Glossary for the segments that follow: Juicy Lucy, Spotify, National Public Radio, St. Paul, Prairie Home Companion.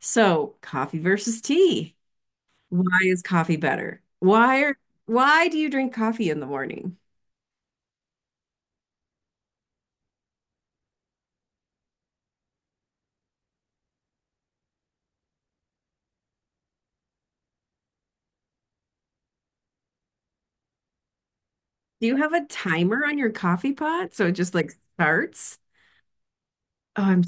So, coffee versus tea. Why is coffee better? Why do you drink coffee in the morning? Do you have a timer on your coffee pot so it just like starts? Oh, I'm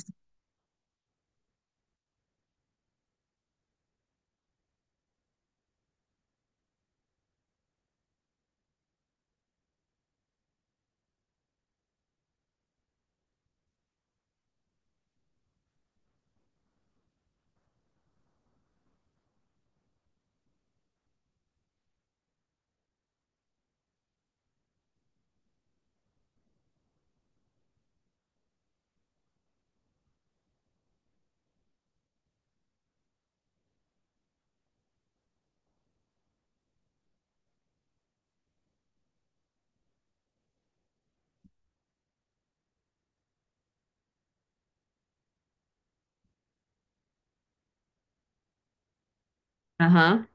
uh-huh.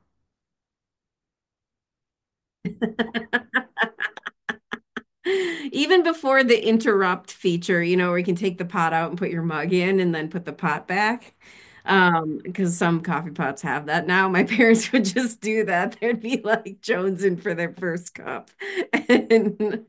Even before the interrupt feature, you know, where you can take the pot out and put your mug in and then put the pot back. Because some coffee pots have that now. My parents would just do that. They'd be like jonesing for their first cup. And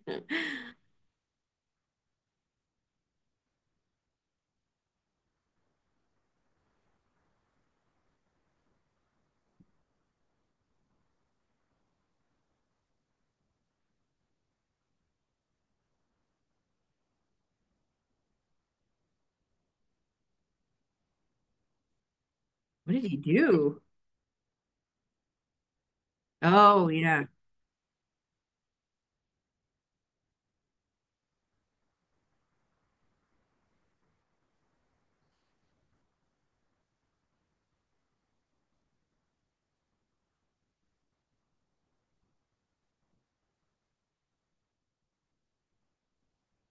what did he do? Oh, yeah.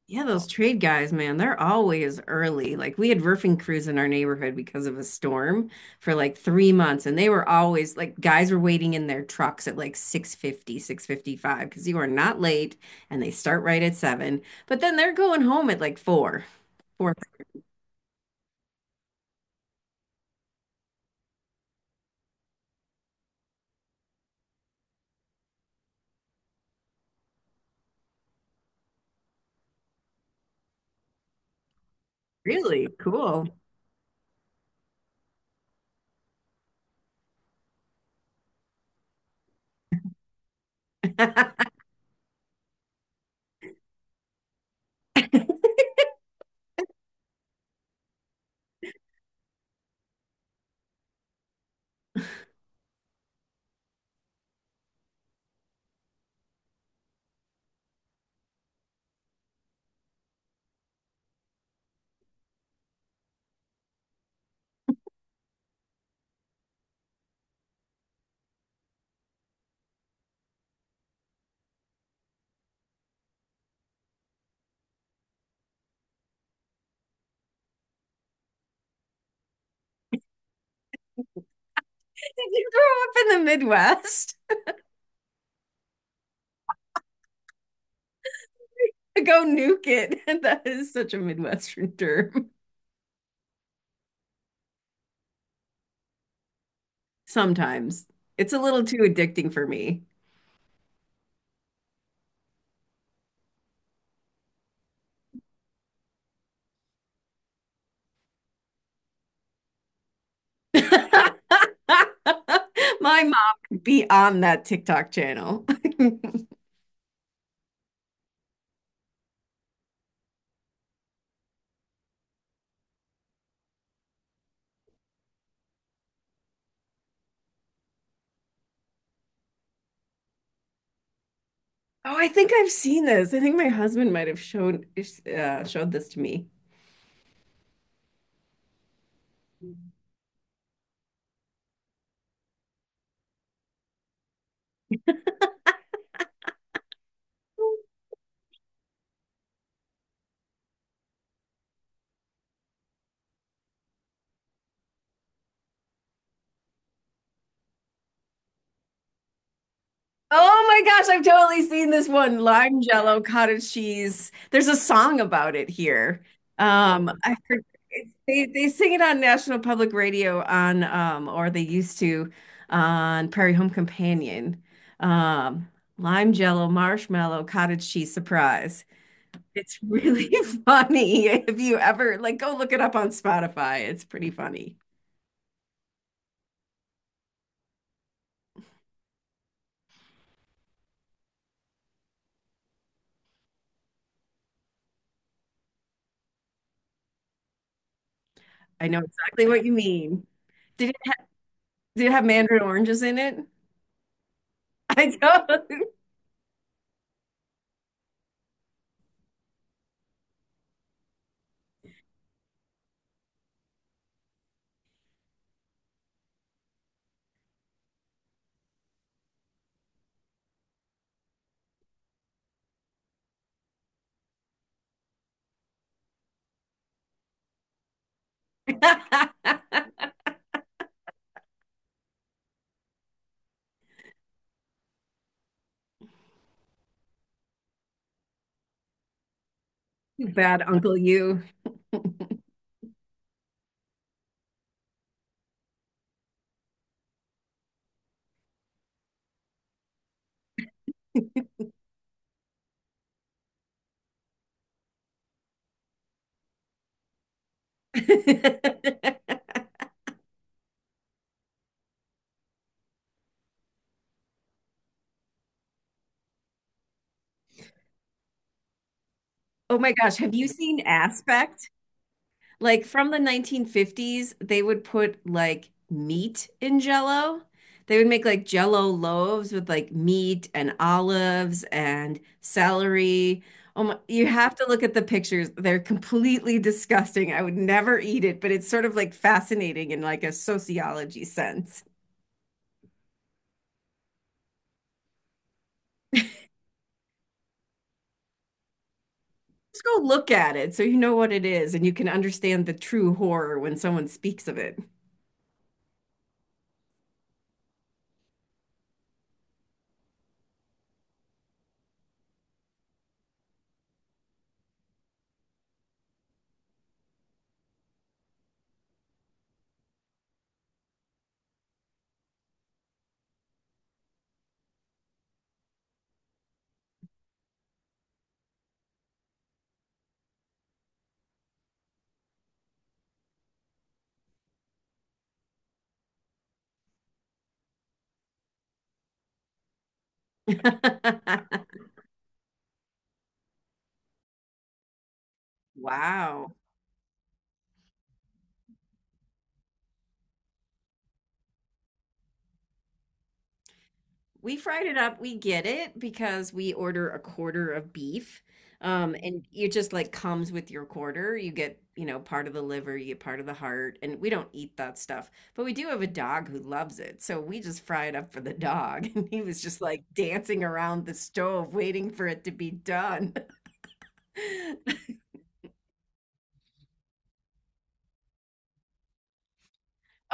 Yeah, those trade guys, man, they're always early. Like we had roofing crews in our neighborhood because of a storm for like three months, and they were always like guys were waiting in their trucks at like 6:50, 6:55, because you are not late and they start right at seven. But then they're going home at like four. Four. Really cool. Did you grow up in the Midwest? Go nuke it. That is such a Midwestern term. Sometimes it's a little too addicting for me. My mom could be on that TikTok channel. Oh, I think I've seen this. I think my husband might have showed showed this to me. Oh my gosh, I've totally seen this one. Lime jello, cottage cheese. There's a song about it here. Um, I for- it's, they sing it on National Public Radio on or they used to on Prairie Home Companion. Um, Lime jello, marshmallow, cottage cheese surprise. It's really funny. If you ever like go look it up on Spotify, it's pretty funny. I know exactly what you mean. Did it, did it have mandarin oranges in it? I don't. Too bad, Uncle You. Oh my gosh, have you seen Aspect? Like from the 1950s, they would put like meat in jello. They would make like jello loaves with like meat and olives and celery. Oh my, you have to look at the pictures. They're completely disgusting. I would never eat it, but it's sort of like fascinating in like a sociology sense. Just go look at it so you know what it is and you can understand the true horror when someone speaks of it. Wow. We fried it up. We get it because we order a quarter of beef. And it just like comes with your quarter. You get, you know, part of the liver, you get part of the heart, and we don't eat that stuff. But we do have a dog who loves it. So we just fry it up for the dog. And he was just like dancing around the stove waiting for it to be done.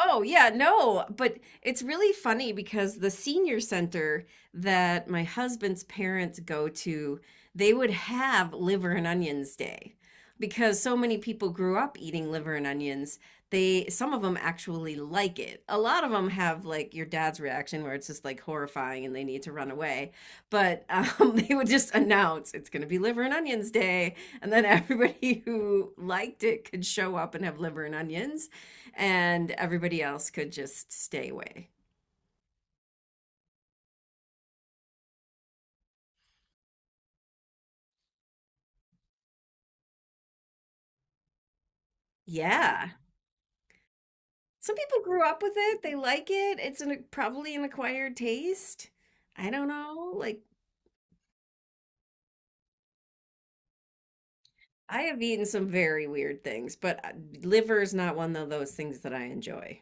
Oh, yeah, no, but it's really funny because the senior center that my husband's parents go to, they would have liver and onions day because so many people grew up eating liver and onions. They, some of them actually like it. A lot of them have like your dad's reaction where it's just like horrifying and they need to run away. But they would just announce it's going to be liver and onions day. And then everybody who liked it could show up and have liver and onions and everybody else could just stay away. Yeah. Some people grew up with it. They like it. It's an, probably an acquired taste. I don't know. Like, I have eaten some very weird things, but liver is not one of those things that I enjoy.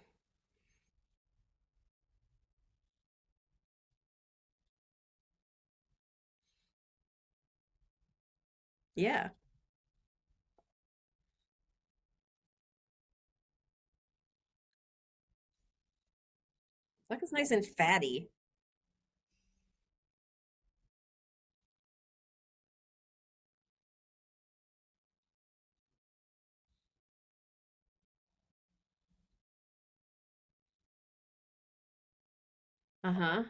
Yeah. Like it's nice and fatty. Uh-huh.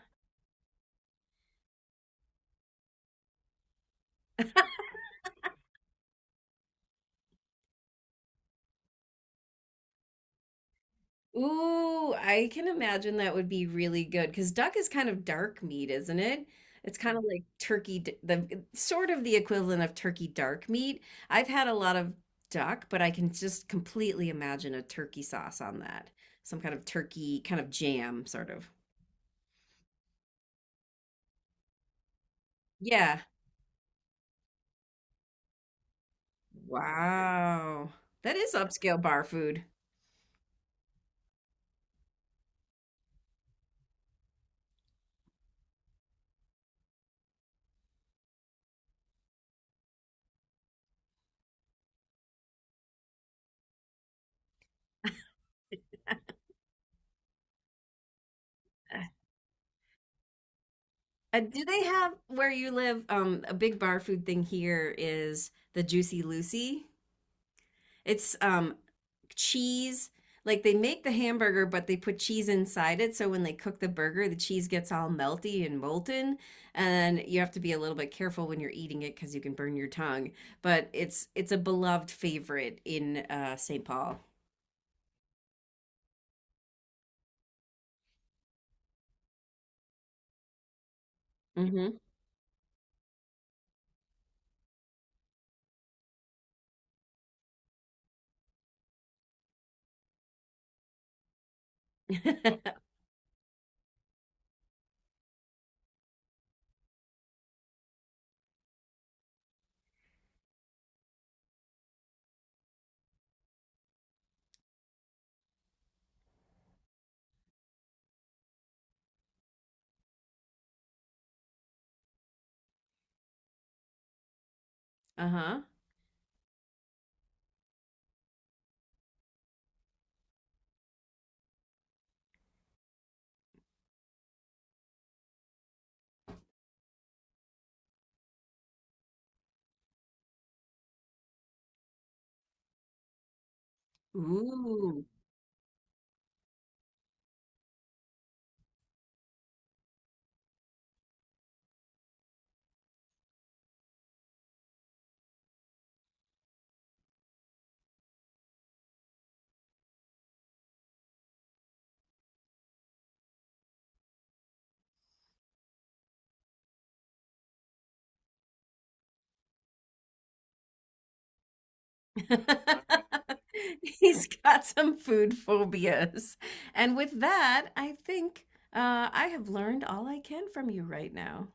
Ooh, I can imagine that would be really good because duck is kind of dark meat, isn't it? It's kind of like turkey, d- the sort of the equivalent of turkey dark meat. I've had a lot of duck, but I can just completely imagine a turkey sauce on that. Some kind of turkey, kind of jam, sort of. Yeah. Wow. That is upscale bar food. Do they have where you live? A big bar food thing here is the Juicy Lucy. It's cheese. Like they make the hamburger, but they put cheese inside it. So when they cook the burger, the cheese gets all melty and molten. And you have to be a little bit careful when you're eating it because you can burn your tongue. But it's a beloved favorite in St. Paul. Hmm. Uh-huh. Ooh. He's got some food phobias. And with that, I think I have learned all I can from you right now.